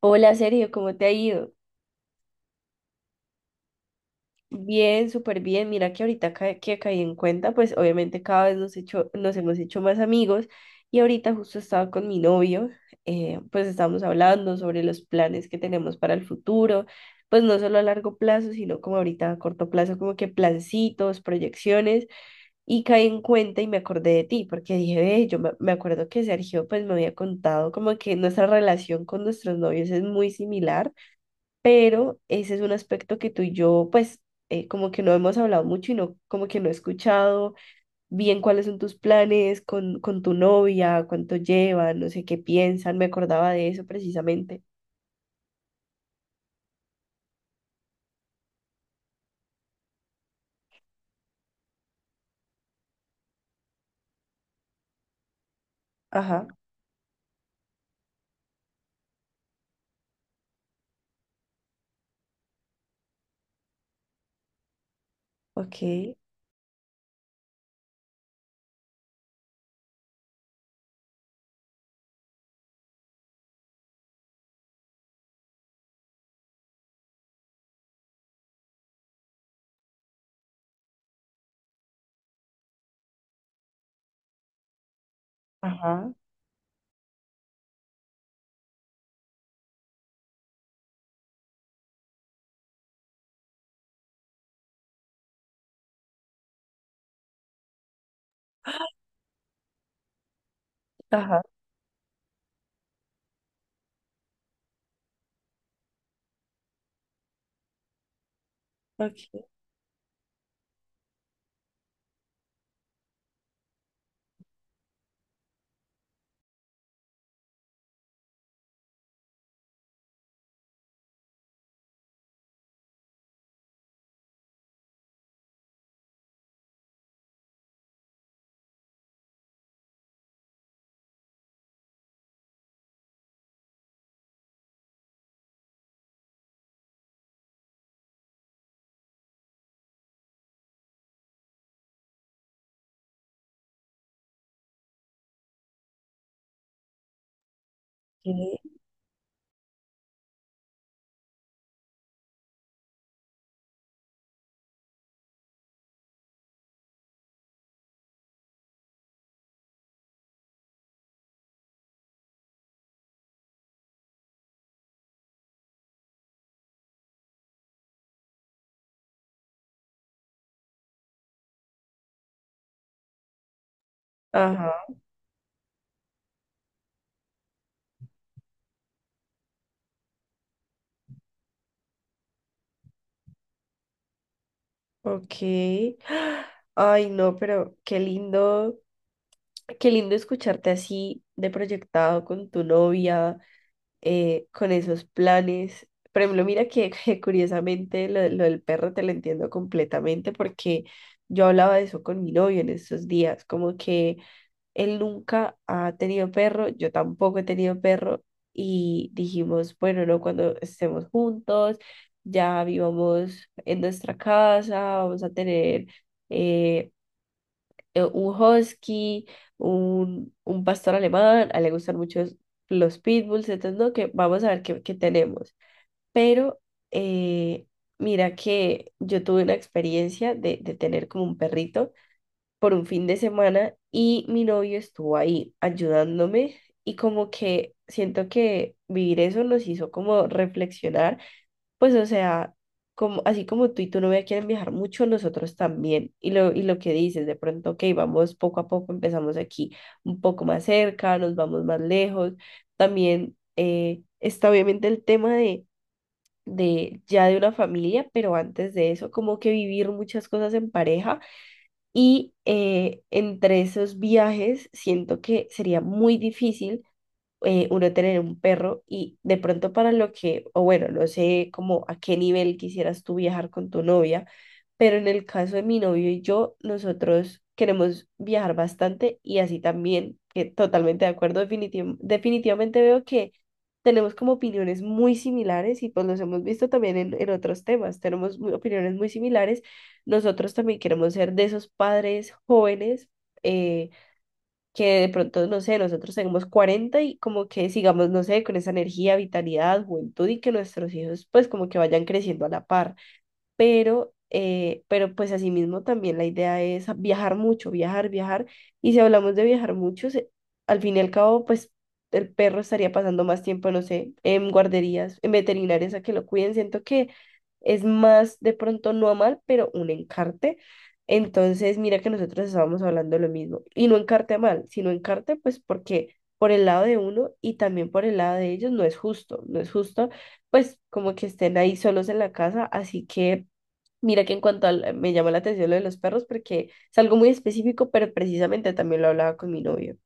Hola Sergio, ¿cómo te ha ido? Bien, súper bien. Mira que que caí en cuenta, pues obviamente cada vez nos hemos hecho más amigos y ahorita justo estaba con mi novio, pues estábamos hablando sobre los planes que tenemos para el futuro, pues no solo a largo plazo, sino como ahorita a corto plazo, como que plancitos, proyecciones. Y caí en cuenta y me acordé de ti, porque dije, ve, me acuerdo que Sergio pues me había contado como que nuestra relación con nuestros novios es muy similar. Pero ese es un aspecto que tú y yo, pues, como que no hemos hablado mucho y no, como que no he escuchado bien cuáles son tus planes con tu novia, cuánto llevan, no sé qué piensan, me acordaba de eso precisamente. Ajá, ok, ajá, ajá, ok, ok, ajá, ok. Ay, no, pero qué lindo escucharte así de proyectado con tu novia con esos planes. Por ejemplo, mira que, que curiosamente lo del perro te lo entiendo completamente porque yo hablaba de eso con mi novio en estos días, como que él nunca ha tenido perro, yo tampoco he tenido perro y dijimos, bueno, no, cuando estemos juntos, ya vivamos en nuestra casa, vamos a tener eh, un husky, un pastor alemán, a él le gustan mucho los pitbulls, entonces no, que vamos a ver qué, qué tenemos. Pero eh, mira que yo tuve una experiencia de tener como un perrito por un fin de semana y mi novio estuvo ahí ayudándome y como que siento que vivir eso nos hizo como reflexionar, pues o sea, como, así como tú y tu novia quieren viajar mucho, nosotros también. Y lo que dices, de pronto, ok, vamos poco a poco, empezamos aquí un poco más cerca, nos vamos más lejos. También está obviamente el tema de ya de una familia, pero antes de eso, como que vivir muchas cosas en pareja. Y entre esos viajes, siento que sería muy difícil uno tener un perro y de pronto para lo que, o bueno, no sé como a qué nivel quisieras tú viajar con tu novia, pero en el caso de mi novio y yo, nosotros queremos viajar bastante y así también, que totalmente de acuerdo, definitivamente veo que tenemos como opiniones muy similares y pues los hemos visto también en otros temas, tenemos opiniones muy similares, nosotros también queremos ser de esos padres jóvenes. eh, que de pronto, no sé, nosotros tenemos 40 y como que sigamos, no sé, con esa energía, vitalidad, juventud y que nuestros hijos pues como que vayan creciendo a la par, pero pues asimismo también la idea es viajar mucho, viajar, viajar, y si hablamos de viajar mucho, al fin y al cabo, pues el perro estaría pasando más tiempo, no sé, en guarderías, en veterinarias a que lo cuiden, siento que es más de pronto no a mal, pero un encarte. Entonces, mira que nosotros estábamos hablando lo mismo, y no encarte a mal, sino encarte pues porque por el lado de uno y también por el lado de ellos no es justo, no es justo, pues como que estén ahí solos en la casa, así que mira que en cuanto al, me llamó la atención lo de los perros porque es algo muy específico, pero precisamente también lo hablaba con mi novio.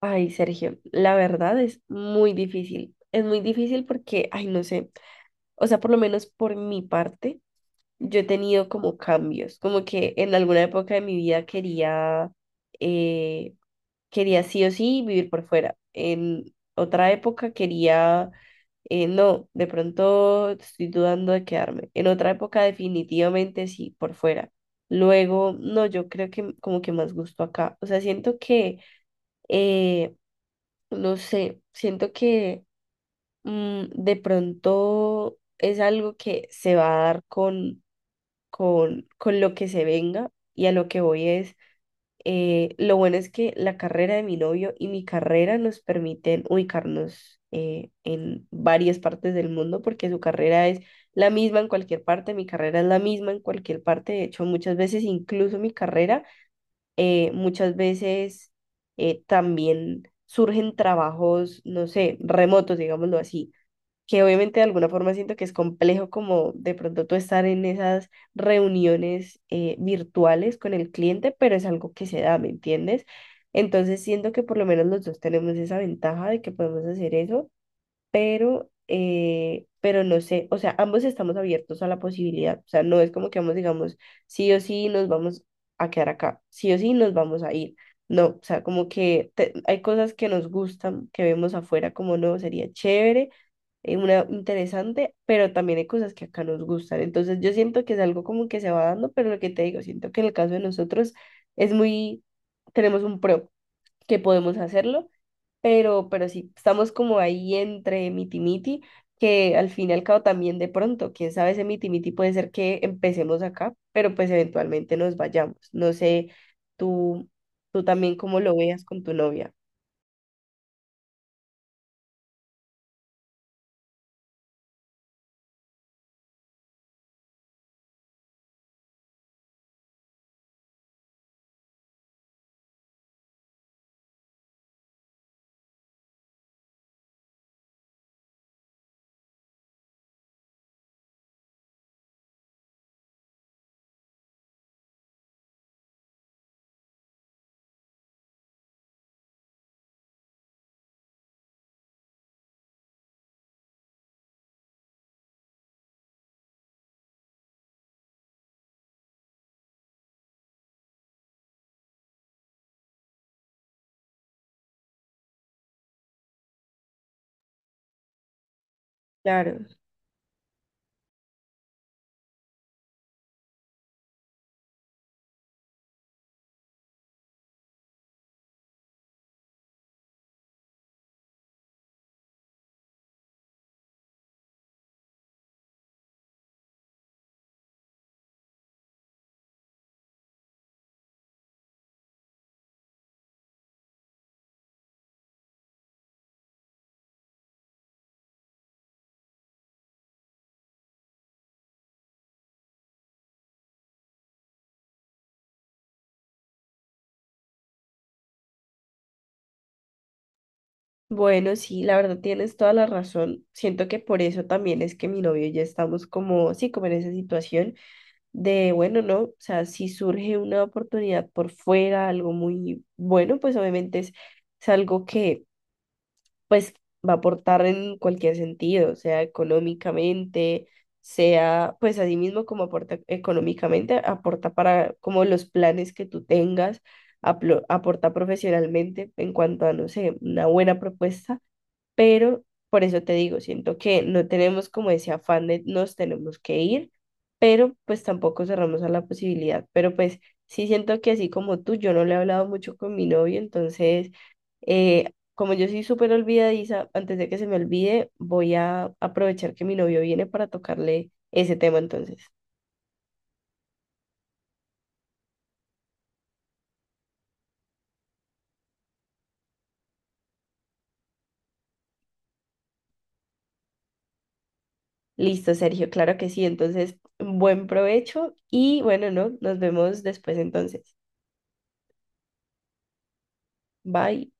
Ay, Sergio, la verdad es muy difícil. Es muy difícil porque, ay, no sé, o sea, por lo menos por mi parte, yo he tenido como cambios, como que en alguna época de mi vida quería, eh, quería sí o sí vivir por fuera. En otra época quería, no, de pronto estoy dudando de quedarme. En otra época definitivamente sí, por fuera. Luego, no, yo creo que como que más gusto acá. O sea, siento que, eh, no sé, siento que de pronto es algo que se va a dar con, con lo que se venga, y a lo que voy es lo bueno es que la carrera de mi novio y mi carrera nos permiten ubicarnos en varias partes del mundo porque su carrera es la misma en cualquier parte, mi carrera es la misma en cualquier parte. De hecho, muchas veces, incluso mi carrera, muchas veces también surgen trabajos, no sé, remotos, digámoslo así, que obviamente de alguna forma siento que es complejo como de pronto tú estar en esas reuniones virtuales con el cliente, pero es algo que se da, ¿me entiendes? Entonces siento que por lo menos los dos tenemos esa ventaja de que podemos hacer eso, pero no sé, o sea, ambos estamos abiertos a la posibilidad, o sea, no es como que ambos digamos, sí o sí nos vamos a quedar acá, sí o sí nos vamos a ir, no, o sea, como que hay cosas que nos gustan, que vemos afuera como no, sería chévere, una interesante, pero también hay cosas que acá nos gustan, entonces yo siento que es algo como que se va dando, pero lo que te digo, siento que en el caso de nosotros es muy, tenemos un pro, que podemos hacerlo, pero sí, estamos como ahí entre miti-miti, que al fin y al cabo también de pronto, quién sabe, ese miti-miti puede ser que empecemos acá, pero pues eventualmente nos vayamos. No sé, tú, tú también cómo lo veas con tu novia. Claro. Bueno, sí, la verdad tienes toda la razón. Siento que por eso también es que mi novio y yo estamos como, sí, como en esa situación de, bueno, no, o sea, si surge una oportunidad por fuera, algo muy bueno, pues obviamente es algo que pues va a aportar en cualquier sentido, sea económicamente, sea, pues así mismo como aporta económicamente, aporta para como los planes que tú tengas, aporta profesionalmente en cuanto a, no sé, una buena propuesta, pero por eso te digo, siento que no tenemos como ese afán de nos tenemos que ir, pero pues tampoco cerramos a la posibilidad, pero pues sí siento que así como tú, yo no le he hablado mucho con mi novio, entonces, como yo soy súper olvidadiza, antes de que se me olvide, voy a aprovechar que mi novio viene para tocarle ese tema entonces. Listo, Sergio, claro que sí, entonces, buen provecho y bueno, no, nos vemos después entonces. Bye.